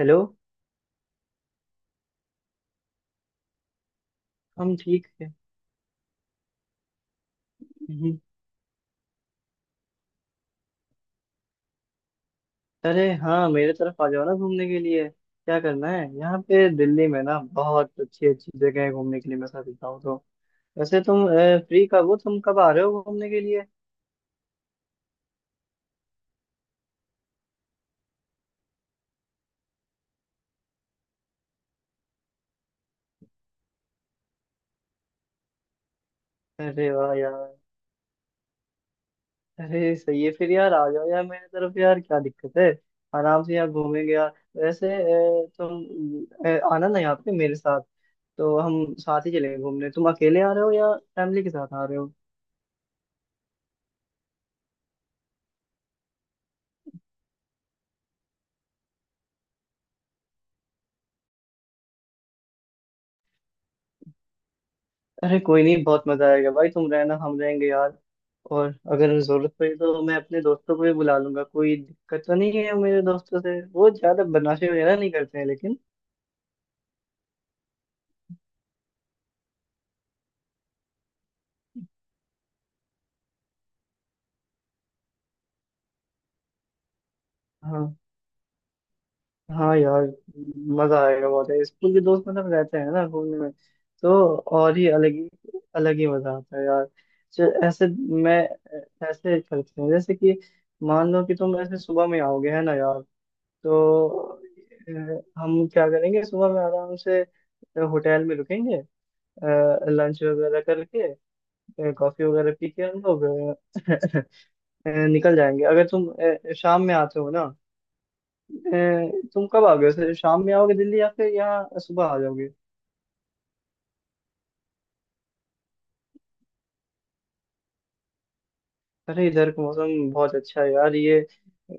Hello. हम ठीक है। हम्म। अरे हाँ, मेरे तरफ आ जाओ ना घूमने के लिए। क्या करना है, यहाँ पे दिल्ली में ना बहुत अच्छी अच्छी जगह है घूमने के लिए, मैं सच बताऊँ तो। वैसे तुम फ्री कब हो, तुम कब आ रहे हो घूमने के लिए? अरे वाह यार। अरे सही है फिर यार, आ जाओ यार मेरे तरफ, यार क्या दिक्कत है। आराम से यार घूमेंगे यार। वैसे तुम आना ना यहाँ पे मेरे साथ, तो हम साथ ही चलेंगे घूमने। तुम अकेले आ रहे हो या फैमिली के साथ आ रहे हो? अरे कोई नहीं, बहुत मजा आएगा भाई, तुम रहना हम रहेंगे यार। और अगर जरूरत पड़ी तो मैं अपने दोस्तों को भी बुला लूंगा, कोई दिक्कत तो नहीं है, मेरे दोस्तों से वो ज्यादा बदमाशी वगैरह नहीं करते हैं लेकिन। हाँ। हाँ यार, मजा आएगा, बहुत है स्कूल के दोस्त, मतलब रहते हैं ना घूमने में तो और ही अलग ही अलग ही मजा आता है यार। ऐसे मैं ऐसे करते हैं जैसे कि मान लो कि तुम ऐसे सुबह में आओगे है ना यार, तो अ, हम क्या करेंगे सुबह में आराम से होटल में रुकेंगे, लंच वगैरह करके, कॉफी वगैरह पी के हम लोग निकल जाएंगे। अगर तुम शाम में आते हो ना। अ, तुम कब आओगे वैसे, शाम में आओगे दिल्ली या फिर यहाँ सुबह आ जाओगे? अरे इधर का मौसम बहुत अच्छा है यार, ये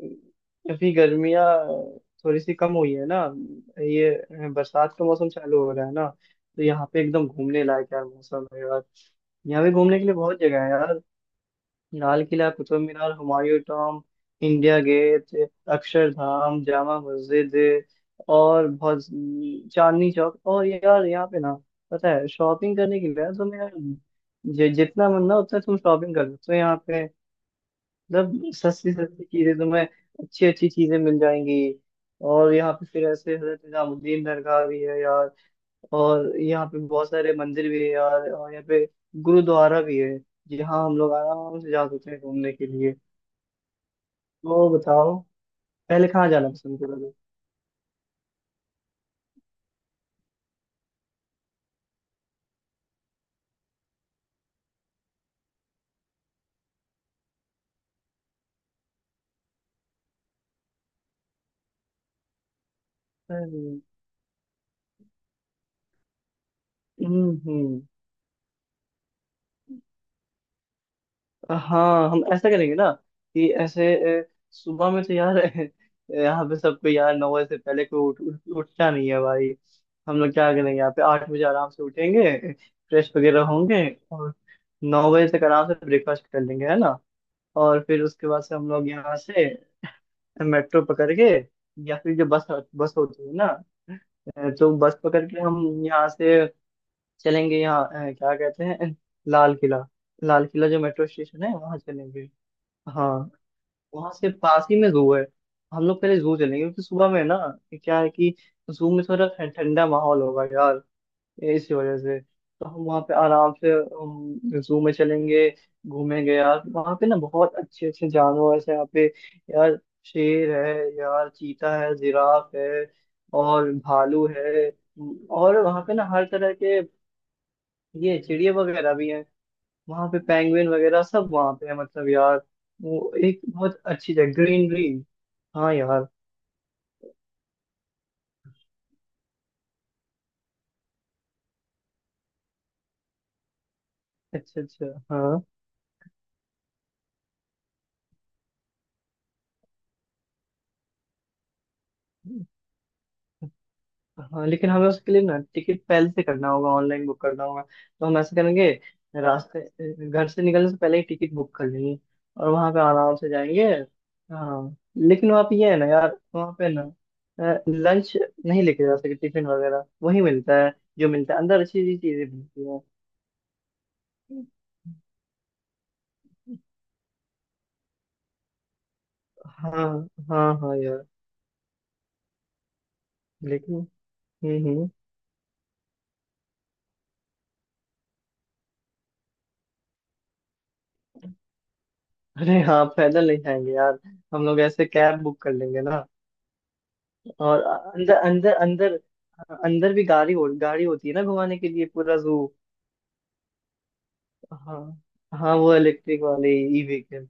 अभी गर्मियाँ थोड़ी सी कम हुई है ना, ये बरसात का मौसम चालू हो रहा है ना, तो यहाँ पे एकदम घूमने लायक यार मौसम है यार। यहाँ पे घूमने के लिए बहुत जगह है यार। Lal Qila, Qutub Minar, Humayun tomb, India Gate, Akshardham, Jama Masjid, और बहुत। चांदनी चौक, और यार यहाँ पे ना पता है शॉपिंग करने के लिए ना तुम्हें जितना मन ना उतना तुम शॉपिंग कर सकते हो यहाँ पे। मतलब सस्ती सस्ती चीजें तुम्हें, अच्छी अच्छी चीजें मिल जाएंगी। और यहाँ पे फिर ऐसे हजरत निजामुद्दीन दरगाह भी है यार। और यहाँ पे बहुत सारे मंदिर भी है यार, और यहाँ पे गुरुद्वारा भी है, जहाँ हम लोग आराम से जा सकते हैं घूमने के लिए। तो बताओ पहले कहाँ जाना पसंद करोगे? हम्म। हम्म। हाँ हम ऐसा करेंगे ना कि ऐसे अ, सुबह में तो यार यहाँ पे सबको यार 9 बजे से पहले कोई उठ, उठ, उठता नहीं है भाई। हम लोग क्या करेंगे, यहाँ पे 8 बजे आराम से उठेंगे, फ्रेश वगैरह होंगे, और 9 बजे तक आराम से ब्रेकफास्ट कर लेंगे है ना। और फिर उसके बाद से हम लोग यहाँ से मेट्रो पकड़ के या फिर जो बस, बस होती है ना, तो बस पकड़ के हम यहाँ से चलेंगे। यहाँ क्या कहते हैं, लाल किला, लाल किला जो मेट्रो स्टेशन है वहाँ चलेंगे। हाँ। वहां से पास ही में जू है, हम लोग पहले जू चलेंगे क्योंकि सुबह में ना ये क्या है कि जू में थोड़ा ठंडा माहौल होगा यार, इसी वजह से तो हम वहाँ पे आराम से जू में चलेंगे। घूमेंगे यार, वहाँ पे ना बहुत अच्छे अच्छे जानवर हैं यहाँ पे यार, शेर है यार, चीता है, जिराफ है, और भालू है। और वहाँ पे ना हर तरह के ये चिड़िया वगैरह भी हैं, वहां पे पेंगुइन वगैरह सब वहां पे है मतलब यार। वो एक बहुत अच्छी जगह, ग्रीनरी। हाँ यार। अच्छा अच्छा। हाँ हाँ, लेकिन हमें उसके लिए ना टिकट पहले से करना होगा, ऑनलाइन बुक करना होगा, तो हम ऐसा करेंगे, रास्ते घर से निकलने से पहले ही टिकट बुक कर लेंगे और वहां पे आराम से जाएंगे। हाँ। लेकिन वहाँ पे ये है ना यार, वहाँ पे ना लंच नहीं लेके जा सकते, टिफिन वगैरह, वही मिलता है जो मिलता है अंदर, अच्छी अच्छी चीजें मिलती है। हाँ हाँ हाँ यार। लेकिन हम्म हम्म। अरे हाँ, पैदल नहीं जाएंगे यार, हम लोग ऐसे कैब बुक कर लेंगे ना। और अंदर अंदर भी गाड़ी होती है ना घुमाने के लिए पूरा जू। हाँ। हाँ, वो इलेक्ट्रिक वाली, ई व्हीकल,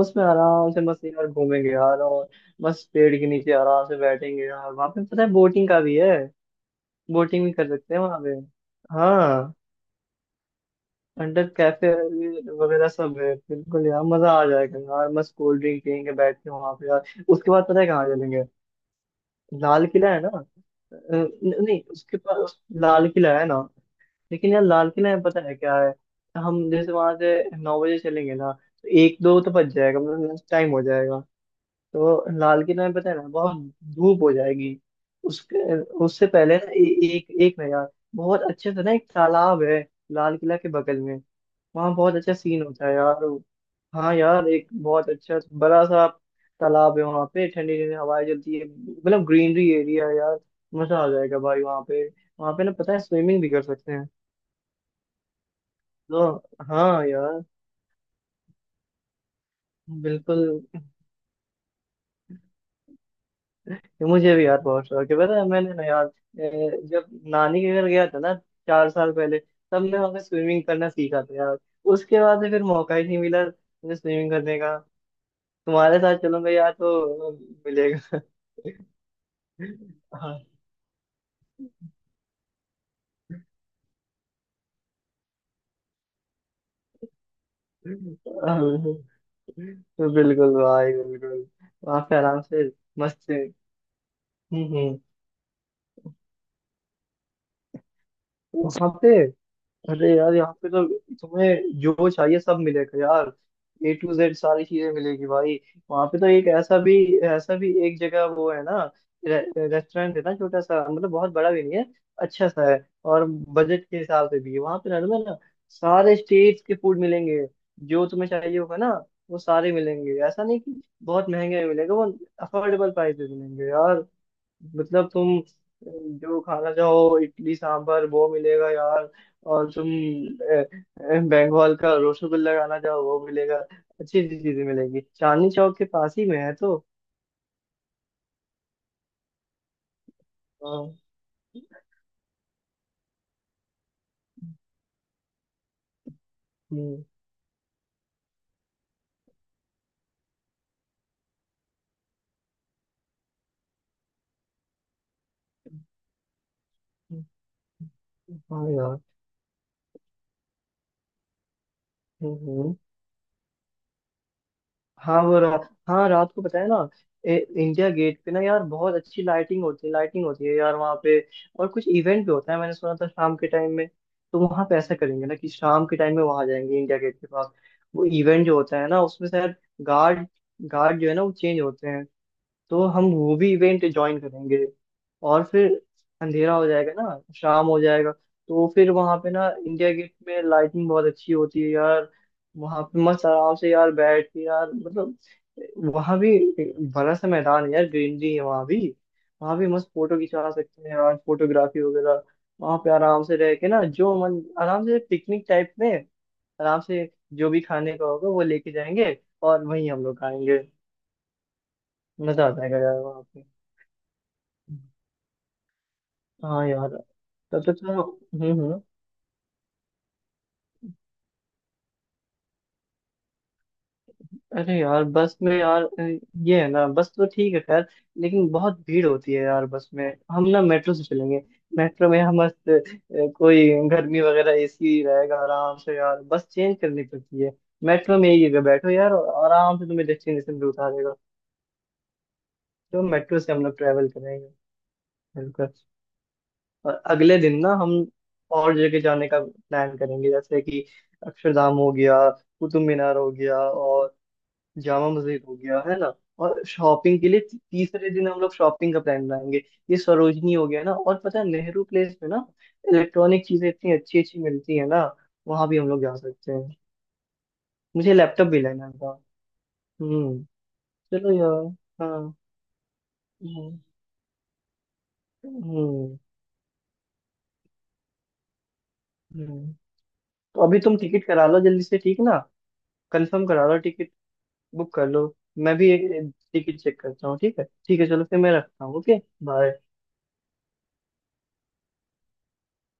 उसमें आराम से मस्त यार घूमेंगे यार। और मस्त पेड़ के नीचे आराम से बैठेंगे यार। वहाँ पे पता है बोटिंग का भी है, बोटिंग भी कर सकते हैं वहाँ पे। हाँ। अंडर कैफे वगैरह सब है बिल्कुल यार, मजा आ जाएगा यार, मस्त कोल्ड ड्रिंक पियेंगे बैठ के वहां पे यार। उसके बाद पता है कहाँ चलेंगे, लाल किला है ना। नहीं, उसके पास लाल किला है ना, लेकिन यार लाल किला में पता है क्या है, हम जैसे वहां से 9 बजे चलेंगे ना, तो एक दो तो बज जाएगा, मतलब लंच टाइम हो जाएगा, तो लाल किला में पता है ना बहुत धूप हो जाएगी। उसके, उससे पहले ना एक एक ना यार बहुत अच्छे से ना एक तालाब है, लाल किला के बगल में, वहाँ बहुत अच्छा सीन होता है यार। हाँ यार, एक बहुत अच्छा बड़ा सा तालाब है, वहाँ पे ठंडी ठंडी हवाएं चलती है, मतलब ग्रीनरी एरिया है यार, मजा आ जाएगा भाई वहाँ पे। वहाँ पे ना पता है स्विमिंग भी कर सकते हैं, तो। हाँ यार। बिल्कुल। मुझे भी यार बहुत शौक है, पता है मैंने ना यार जब नानी के घर गया था ना, 4 साल पहले, तब मैं वहाँ पे स्विमिंग करना सीखा था यार। उसके बाद से फिर मौका ही नहीं मिला मुझे स्विमिंग करने का। तुम्हारे साथ चलूंगा यार तो मिलेगा। हाँ। बिल्कुल, भाई बिल्कुल, वहाँ पे आराम से मस्त से- हम्म। वहाँ पे अरे यार यहाँ पे तो तुम्हें जो चाहिए सब मिलेगा यार, A to Z सारी चीजें मिलेगी भाई। वहाँ पे तो एक ऐसा भी, ऐसा भी एक जगह वो है ना, रे, रेस्टोरेंट है ना, छोटा सा, मतलब बहुत बड़ा भी नहीं है, अच्छा सा है, और बजट के हिसाब से भी है, वहाँ पे नॉर्मल ना सारे स्टेट्स के फूड मिलेंगे, जो तुम्हें चाहिए होगा ना वो सारे मिलेंगे, ऐसा नहीं कि बहुत महंगे मिलेंगे, वो अफोर्डेबल प्राइस पे मिलेंगे यार। मतलब तुम जो खाना चाहो इडली सांभर वो मिलेगा यार। और तुम बंगाल का रसगुल्ला खाना चाहो वो मिलेगा, अच्छी अच्छी चीजें मिलेगी, चांदनी चौक के पास ही में है तो। हाँ। हम्म। हाँ यार। हम्म, हम्म। हाँ वो रात, हाँ रात को पता है ना इंडिया गेट पे ना यार बहुत अच्छी लाइटिंग होती है यार वहाँ पे। और कुछ इवेंट भी होता है, मैंने सुना था शाम के टाइम में, तो वहाँ पे ऐसा करेंगे ना कि शाम के टाइम में वहाँ जाएंगे इंडिया गेट के पास। वो इवेंट जो होता है ना, उसमें शायद गार्ड गार्ड जो है ना वो चेंज होते हैं, तो हम वो भी इवेंट ज्वाइन करेंगे। और फिर अंधेरा हो जाएगा ना, शाम हो जाएगा, तो फिर वहां पे ना इंडिया गेट में लाइटिंग बहुत अच्छी होती है यार, वहां पे मस्त आराम से यार बैठ के यार, मतलब वहां भी बड़ा सा मैदान है यार, ग्रीनरी है वहां भी। वहां भी मस्त फोटो खिंचा सकते हैं यार, फोटोग्राफी वगैरह। वहां पे आराम से रह के ना, जो मन, आराम से पिकनिक टाइप में, आराम से जो भी खाने का होगा वो लेके जाएंगे और वहीं हम लोग खाएंगे। मजा आ जाएगा यार वहाँ पे। हाँ यार। तब तक तो हम्म। अरे यार बस में यार, ये है ना, बस तो ठीक है खैर, लेकिन बहुत भीड़ होती है यार बस में। हम ना मेट्रो से चलेंगे, मेट्रो में हम मस्त कोई गर्मी वगैरह, एसी रहेगा आराम से यार, बस चेंज करनी पड़ती है, मेट्रो में ही जगह बैठो यार, और आराम से तुम्हें डेस्टिनेशन पे उतार देगा। तो मेट्रो से हम लोग ट्रेवल करेंगे। बिल्कुल। और अगले दिन ना हम और जगह जाने का प्लान करेंगे, जैसे कि अक्षरधाम हो गया, कुतुब मीनार हो गया, और जामा मस्जिद हो गया है ना। और शॉपिंग के लिए 3रे दिन हम लोग शॉपिंग का प्लान बनाएंगे, ये सरोजनी हो गया ना, और पता है नेहरू प्लेस में ना इलेक्ट्रॉनिक चीजें इतनी अच्छी अच्छी मिलती है ना, वहां भी हम लोग जा सकते हैं, मुझे लैपटॉप भी लेना था। हम्म। चलो यार। हाँ। हम्म हम्म हम्म। तो अभी तुम टिकट करा लो जल्दी से, ठीक ना, कंफर्म करा लो टिकट, बुक कर लो। मैं भी टिकट चेक करता हूँ। ठीक है ठीक है, चलो फिर मैं रखता हूँ, ओके। बाय।